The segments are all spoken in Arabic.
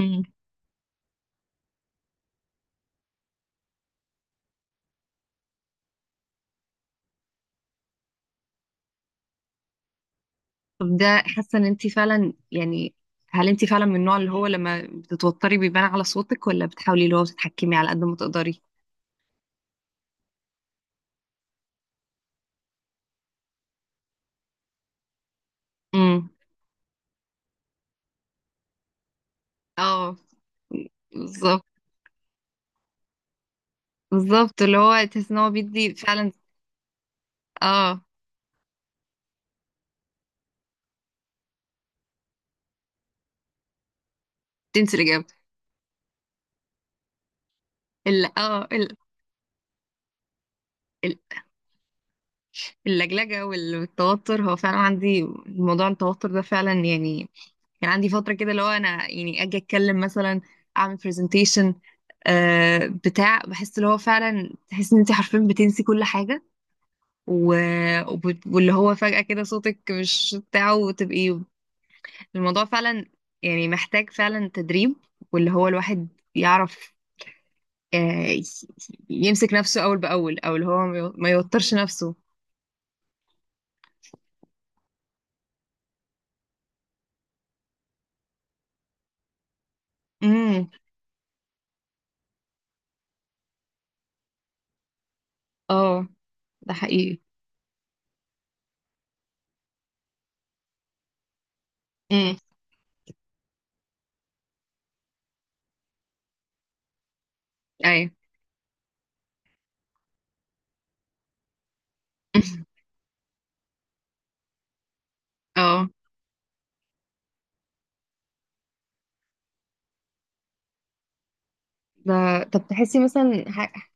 مم. طب ده حاسه ان انت فعلا يعني، هل انت فعلا من النوع اللي هو لما بتتوتري بيبان على صوتك، ولا بتحاولي اللي هو تتحكمي على قد ما تقدري؟ امم، اه، بالظبط. بالظبط، اللي هو تحس ان هو بيدي فعلا. اه، تنسي الاجابه. ال ال- اللجلجه والتوتر، هو فعلا عندي موضوع التوتر ده فعلا يعني. كان عندي فتره كده اللي هو انا يعني اجي اتكلم مثلا، اعمل برزنتيشن. بتاع، بحس اللي هو فعلا تحس ان انت حرفيا بتنسي كل حاجه. و... واللي هو فجأة كده صوتك مش بتاعه وتبقي. الموضوع فعلا يعني محتاج فعلا تدريب، واللي هو الواحد يعرف آه، ي- يمسك نفسه أول بأول، أو اللي هو ما يوترش نفسه. امم، اه، ده حقيقي. امم، ايوه. اه. ده طب تحسي مثلا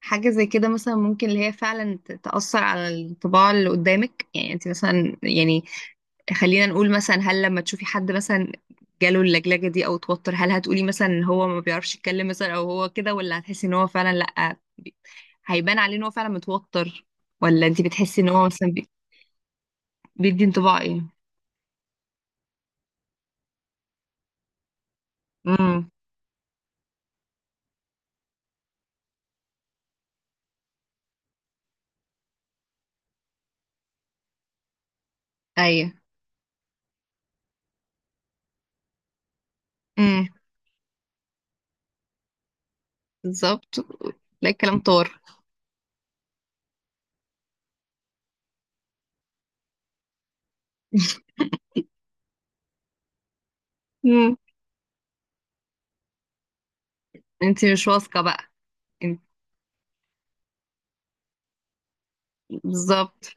حاجة زي كده مثلا ممكن اللي هي فعلا تأثر على الطباع اللي قدامك؟ يعني انت مثلا يعني، خلينا نقول مثلا، هل لما تشوفي حد مثلا جاله اللجلجة دي او توتر، هل هتقولي مثلا ان هو ما بيعرفش يتكلم مثلا او هو كده، ولا هتحسي ان هو فعلا لا هيبان عليه ان هو فعلا متوتر؟ ولا انت بتحسي ان هو مثلا بي-؟ بيدي انطباع ايه؟ امم، ايوه، امم، بالظبط. لا الكلام طار. امم، انت مش واثقة بقى. انت-. بالظبط.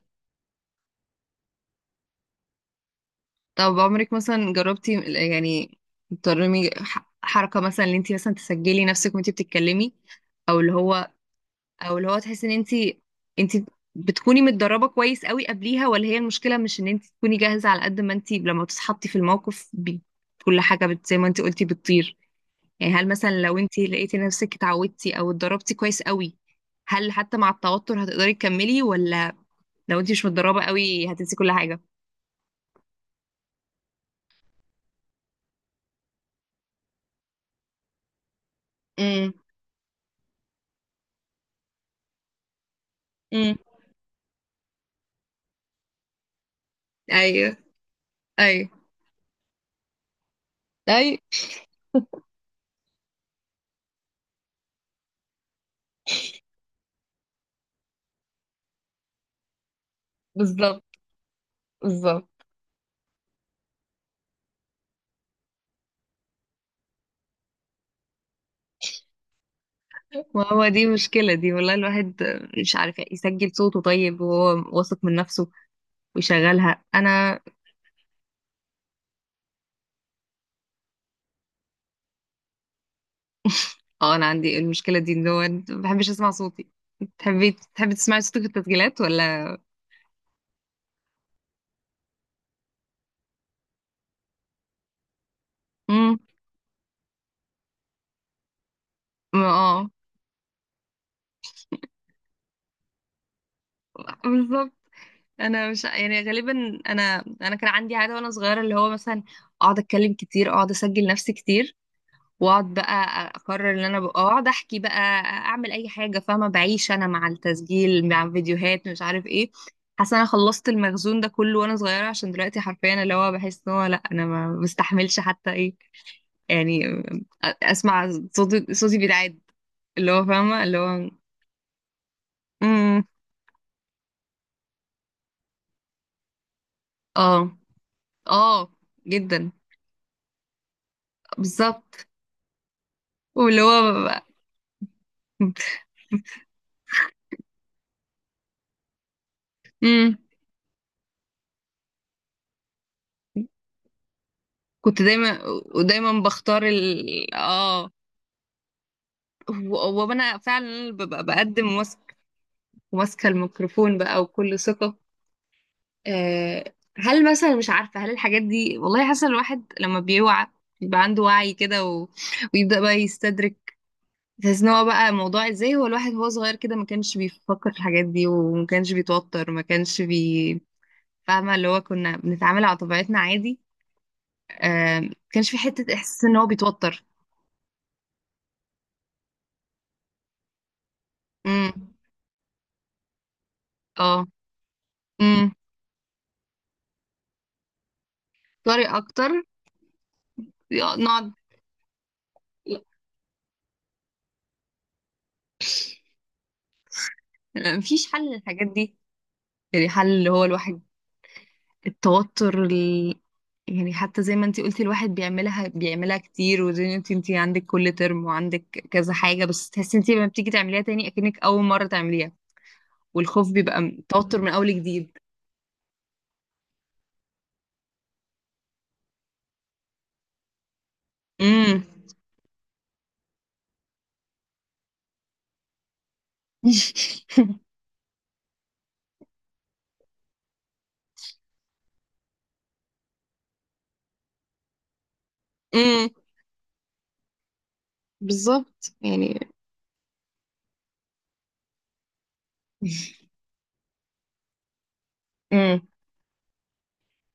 طب عمرك مثلا جربتي يعني ترمي حركة مثلا ان انت مثلا تسجلي نفسك وانت بتتكلمي؟ او اللي هو، او اللي هو تحس ان انت بتكوني متدربة كويس قوي قبليها، ولا هي المشكلة مش ان انت تكوني جاهزة، على قد ما انت لما بتتحطي في الموقف بي-، كل حاجة بت، زي ما انت قلتي، بتطير؟ يعني هل مثلا لو انت لقيتي نفسك اتعودتي او اتدربتي كويس قوي، هل حتى مع التوتر هتقدري تكملي، ولا لو انت مش متدربة قوي هتنسي كل حاجة؟ امم، امم، ايوه، ايوه، اي، بالظبط، بالظبط. وهو دي مشكلة، دي والله الواحد مش عارف يسجل صوته طيب وهو واثق من نفسه ويشغلها. انا اه، انا عندي المشكله دي ان هو ما بحبش اسمع صوتي. تحبي، تحبي تسمعي صوتك في التسجيلات ولا؟ امم، اه، بالظبط. انا مش يعني غالبا، انا كان عندي عاده وانا صغيره اللي هو مثلا اقعد اتكلم كتير، اقعد اسجل نفسي كتير، واقعد بقى اقرر ان انا بقى اقعد احكي بقى، اعمل اي حاجه، فاهمه؟ بعيش انا مع التسجيل، مع فيديوهات، مش عارف ايه. حاسه انا خلصت المخزون ده كله وانا صغيره، عشان دلوقتي حرفيا اللي هو بحس ان هو لا، انا ما بستحملش حتى ايه يعني، اسمع صوتي. صوتي بيتعاد، اللي هو فاهمه اللي هو. امم، اه، اه، جدا، بالظبط. واللي هو، امم، كنت دايما، ودايما بختار ال اه. و- وانا فعلا ببقى بقدم وماسك-، وماسكه الميكروفون بقى وكل ثقه. آه، هل مثلا، مش عارفه هل الحاجات دي، والله حاسه الواحد لما بيوعى بيبقى عنده وعي كده و... ويبدأ بقى يستدرك، تحس ان هو بقى موضوع ازاي هو الواحد وهو صغير كده ما كانش بيفكر في الحاجات دي، وما كانش بيتوتر، ما كانش بي، فاهمه؟ اللي هو كنا بنتعامل على طبيعتنا عادي، ما كانش في حته احساس ان هو بيتوتر. امم، اه، امم. طري اكتر. يا-، نقعد. لا، مفيش حل للحاجات دي. يعني حل اللي هو الواحد، التوتر ال...، يعني حتى زي ما انتي قلتي، الواحد بيعملها، بيعملها كتير، وزي ما انتي عندك كل ترم، وعندك كذا حاجة، بس تحسي انتي لما بتيجي تعمليها تاني اكنك اول مرة تعمليها، والخوف بيبقى توتر من اول جديد. امم. امم، بالظبط يعني. امم،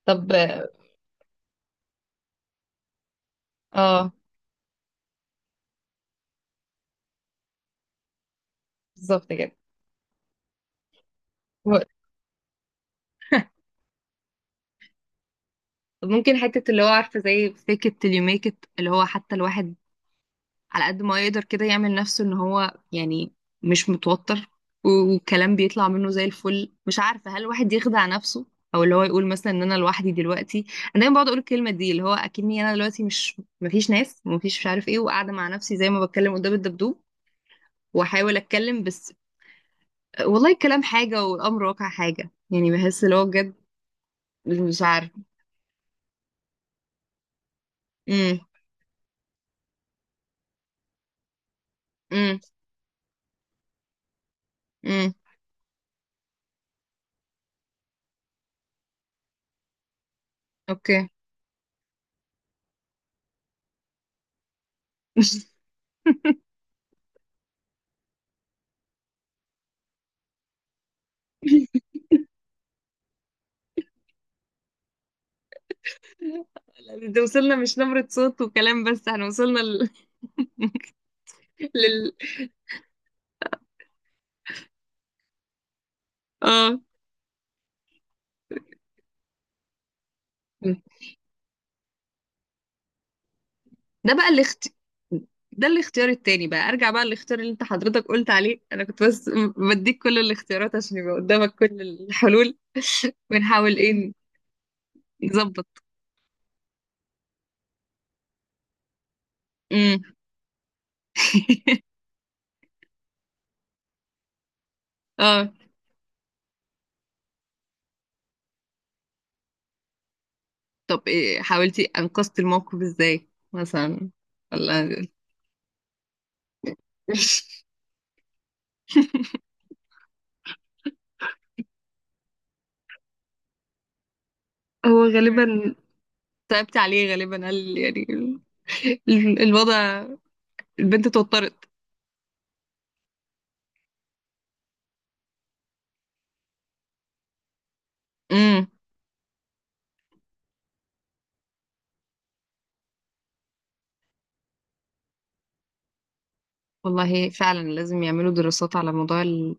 طب، اه، بالظبط كده. هو-، ممكن حتة اللي هو عارفة زي fake it till you make it، اللي هو حتى الواحد على قد ما يقدر كده يعمل نفسه ان هو يعني مش متوتر، و- والكلام بيطلع منه زي الفل. مش عارفة هل الواحد يخدع نفسه، او اللي هو يقول مثلا ان انا لوحدي دلوقتي. انا دايما بقعد اقول الكلمة دي اللي هو اكني انا دلوقتي مش، مفيش ناس ومفيش مش عارف ايه، وقاعدة مع نفسي زي ما بتكلم قدام الدبدوب، واحاول اتكلم بس. والله الكلام حاجة والامر واقع حاجة، يعني بحس اللي هو بجد مش عارف. امم، امم، امم، اوكي. لا، ده وصلنا مش نبرة صوت وكلام بس، احنا وصلنا ل...، اه. ده بقى الاخت...، ده الاختيار التاني، بقى ارجع بقى للاختيار اللي انت حضرتك قلت عليه، انا كنت بس بديك كل الاختيارات عشان يبقى قدامك كل الحلول ونحاول ايه. نظبط. امم. اه، طب إيه، حاولتي انقذتي الموقف ازاي مثلا، ولا هو غالبا تعبت عليه غالبا، قال يعني ال-، ال- الوضع، البنت اتوترت. امم. والله فعلا لازم يعملوا دراسات على موضوع، يعني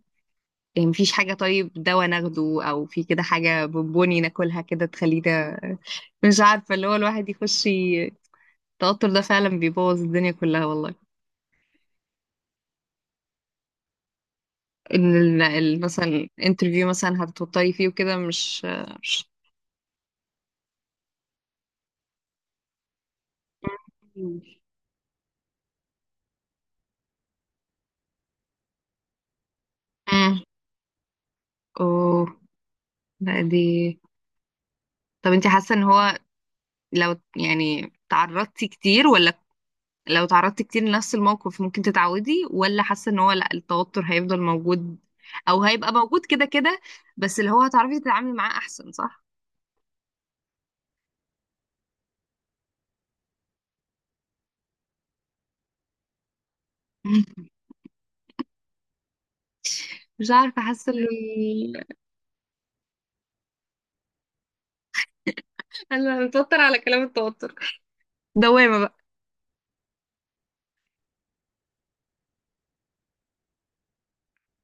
مفيش حاجة طيب دواء ناخده أو في كده حاجة بونبوني ناكلها كده تخلينا؟ مش عارفة اللي هو الواحد يخش ي-، التوتر ده فعلا بيبوظ الدنيا كلها والله. إن ال-، ال- مثلا انترفيو مثلا هتتوتري فيه وكده، مش مم. اوه، لا دي، طب انت حاسة ان هو لو يعني تعرضتي كتير ولا، لو تعرضتي كتير لنفس الموقف ممكن تتعودي، ولا حاسة ان هو لا التوتر هيفضل موجود، او هيبقى موجود كده كده؟ بس اللي هو هتعرفي تتعاملي معاه احسن، صح؟ مش عارفة حاسة ان ال-، انا متوتر على كلام التوتر، دوامة بقى.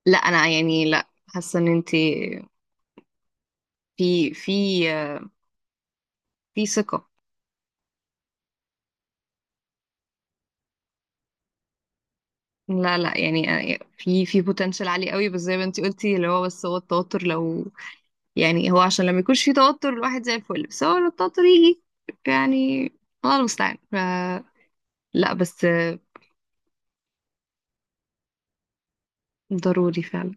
لا انا يعني، لا حاسة ان انت في في في ثقة. لا لا، يعني يعني في في بوتنشال عالي قوي، بس زي ما انت قلتي اللي هو بس هو التوتر لو، يعني هو عشان لما يكونش فيه توتر الواحد زي الفل، بس هو لو التوتر يجي يعني، الله المستعان ف-، لا بس. ضروري فعلا.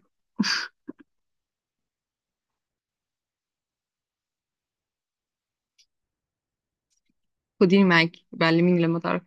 خديني معاكي، بعلميني لما تعرفي.